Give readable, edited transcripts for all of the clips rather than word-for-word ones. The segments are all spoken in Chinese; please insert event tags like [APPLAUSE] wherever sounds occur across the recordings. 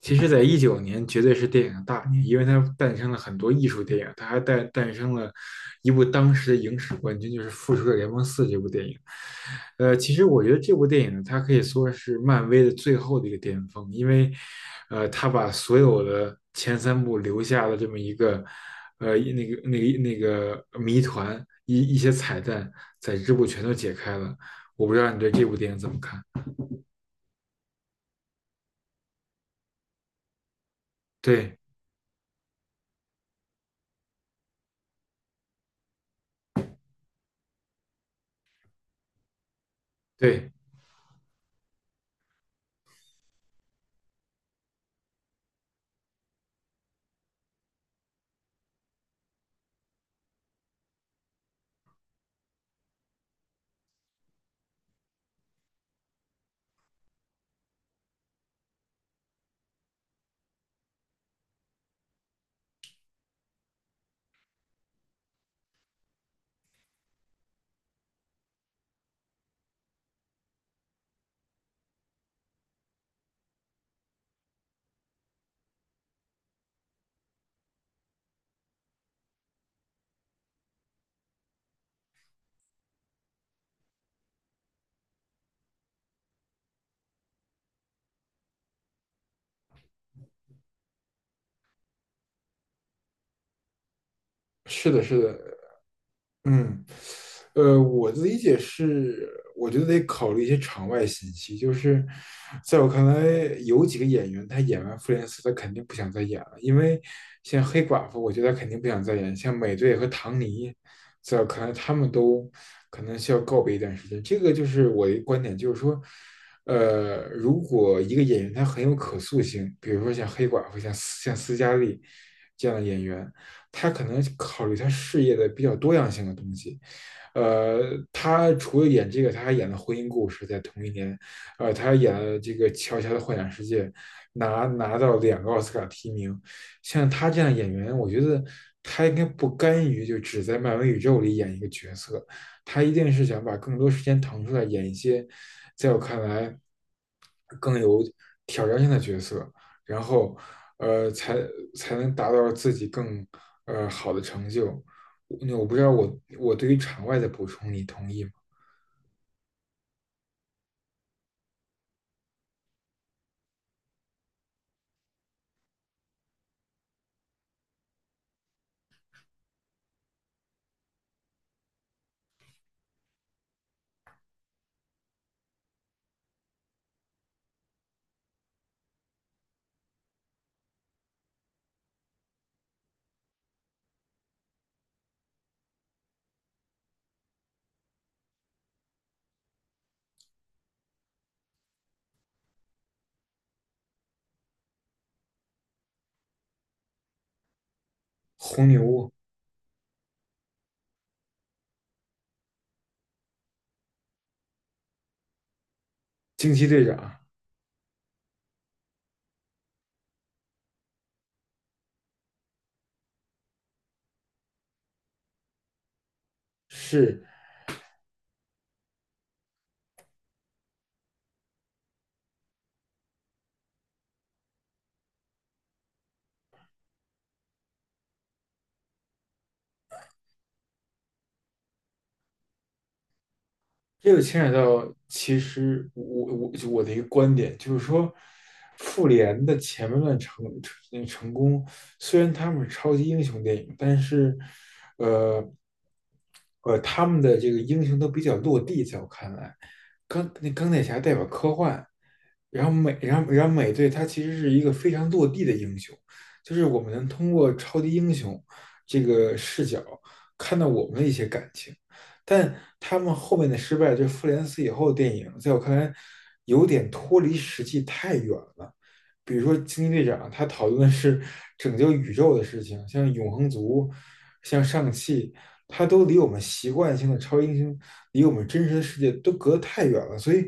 其实，在19年绝对是电影的大年，因为它诞生了很多艺术电影，它还诞生了一部当时的影史冠军，就是《复仇者联盟四》这部电影。其实我觉得这部电影它可以说是漫威的最后的一个巅峰，因为，它把所有的前三部留下的这么一个，那个谜团一些彩蛋，在这部全都解开了。我不知道你对这部电影怎么看？对对，是的，是的，嗯，我的理解是，我觉得得考虑一些场外信息。就是在我看来，有几个演员他演完《复联四》，他肯定不想再演了，因为像黑寡妇，我觉得他肯定不想再演。像美队和唐尼，在可能他们都可能需要告别一段时间。这个就是我的观点，就是说，如果一个演员他很有可塑性，比如说像黑寡妇、像斯嘉丽这样的演员。他可能考虑他事业的比较多样性的东西。呃，他除了演这个，他还演了《婚姻故事》在同一年，他还演了这个《乔乔的幻想世界》拿到两个奥斯卡提名。像他这样演员，我觉得他应该不甘于就只在漫威宇宙里演一个角色，他一定是想把更多时间腾出来演一些，在我看来更有挑战性的角色。然后呃才才能达到自己更好的成就。那我不知道我对于场外的补充你同意吗？红牛、惊奇队长是这个牵扯到，其实我就我的一个观点就是说，复联的前半段成功，虽然他们是超级英雄电影，但是，呃，他们的这个英雄都比较落地，在我看来，钢铁侠代表科幻，然后美队他其实是一个非常落地的英雄，就是我们能通过超级英雄这个视角看到我们的一些感情。但他们后面的失败，就复联四以后的电影，在我看来有点脱离实际太远了。比如说惊奇队长，他讨论的是拯救宇宙的事情，像永恒族、像上汽，他都离我们习惯性的超英雄，离我们真实的世界都隔得太远了。所以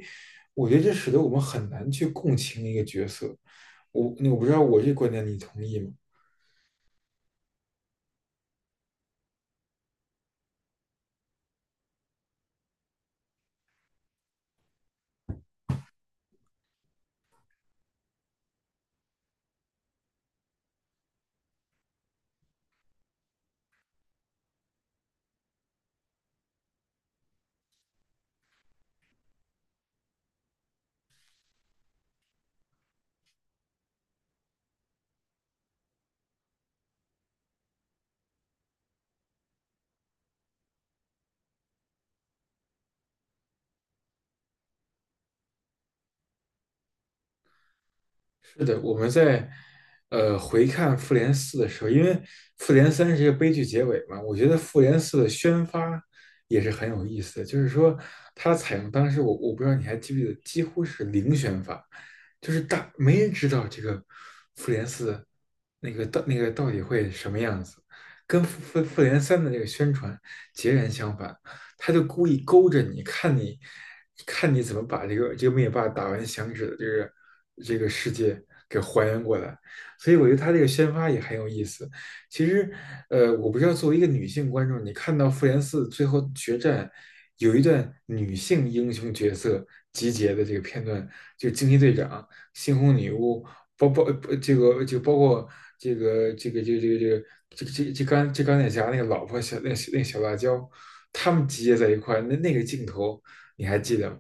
我觉得这使得我们很难去共情一个角色。我我不知道我这观点你同意吗？是的，我们在回看《复联四》的时候，因为《复联三》是一个悲剧结尾嘛，我觉得《复联四》的宣发也是很有意思的，就是说它采用当时我不知道你还记不记得，几乎是零宣发，就是大没人知道这个《复联四》那个到那个到底会什么样子，跟《复联三》的这个宣传截然相反。他就故意勾着你，看你，看你怎么把这个灭霸打完响指的这个世界给还原过来。所以我觉得他这个宣发也很有意思。其实，我不知道作为一个女性观众，你看到复联四最后决战有一段女性英雄角色集结的这个片段，就惊奇队长、猩红女巫，包包这个就包括这个这个这个这个这个这这钢这钢铁侠那个老婆小那那小辣椒，他们集结在一块儿那个镜头你还记得吗？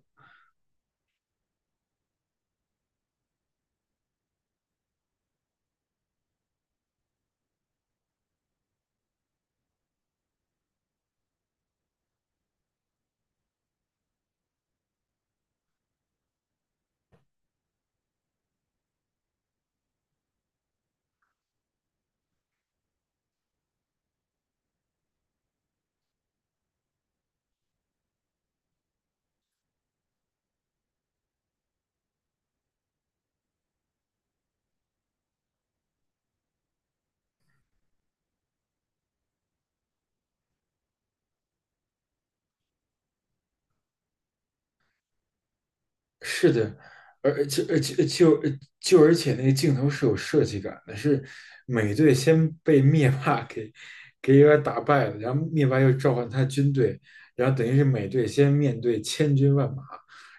是的，而而且而且就呃而且那个镜头是有设计感的，是美队先被灭霸 [LAUGHS] 给有点打败了，然后灭霸又召唤他军队，然后等于是美队先面对千军万马，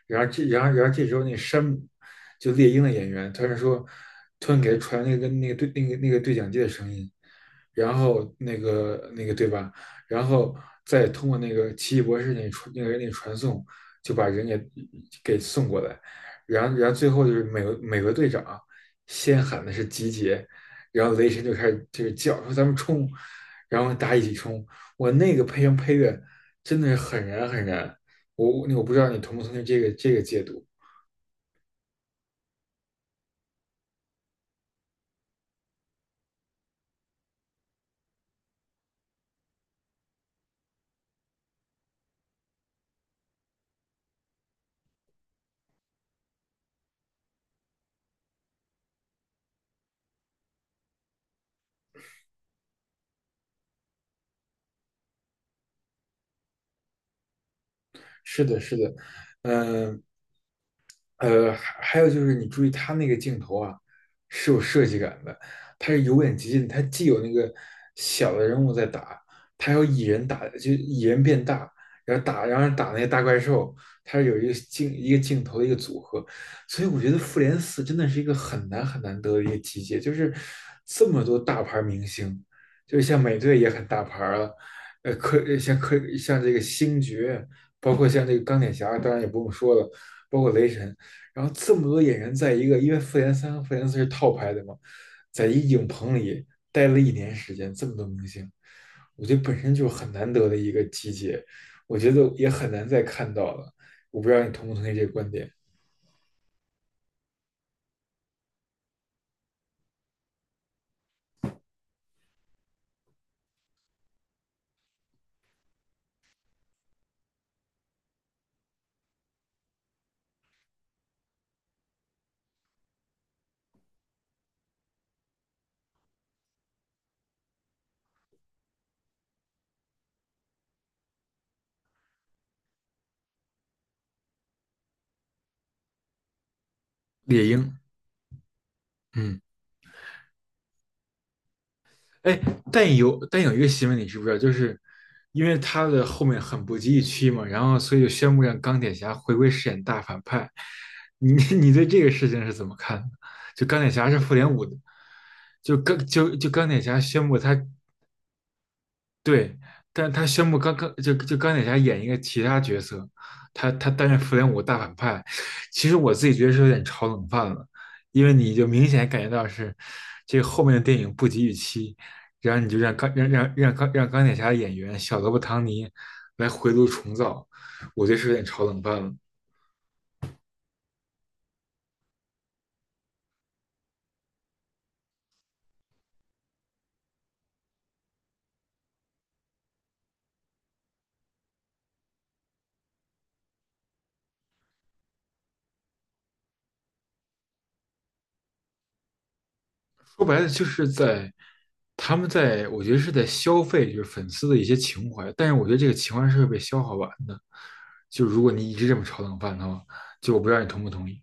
然后这然后然后这时候那山姆就猎鹰的演员突然说，突然给他传那个对讲机的声音，然后那个对吧，然后再通过那个奇异博士那个传送。就把人也给送过来，然后最后就是美国队长啊先喊的是集结，然后雷神就开始就是叫说咱们冲，然后大家一起冲，我那个配音配乐真的是很燃很燃，我我不知道你同不同意这个解读，是的是的，嗯、呃呃还有就是你注意它那个镜头啊，是有设计感的，它是由远及近，它既有那个小的人物在打，它还有蚁人打，就蚁人变大，然后打，然后打那个大怪兽，它是有一个镜头的一个组合，所以我觉得《复联四》真的是一个很难得的一个集结，就是这么多大牌明星，就是像美队也很大牌了，科像这个星爵，包括像这个钢铁侠，当然也不用说了。包括雷神，然后这么多演员在一个，因为复联三和复联四是套拍的嘛，在一影棚里待了一年时间，这么多明星，我觉得本身就很难得的一个集结，我觉得也很难再看到了。我不知道你同不同意这个观点，猎鹰，嗯。哎，但有一个新闻你知不知道？就是因为他的后面很不及预期嘛，然后所以就宣布让钢铁侠回归饰演大反派。你 [LAUGHS] 你对这个事情是怎么看的？就钢铁侠是复联五的，就钢铁侠宣布他对，但他宣布刚刚就钢铁侠演一个其他角色，他担任复联五大反派，其实我自己觉得是有点炒冷饭了，因为你就明显感觉到是这个后面的电影不及预期，然后你就让钢让让让钢让钢铁侠的演员小罗伯·唐尼来回炉重造，我觉得是有点炒冷饭了。说白了就是在他们在，我觉得是在消费，就是粉丝的一些情怀。但是我觉得这个情怀是会被消耗完的。就如果你一直这么炒冷饭的话，就我不知道你同不同意。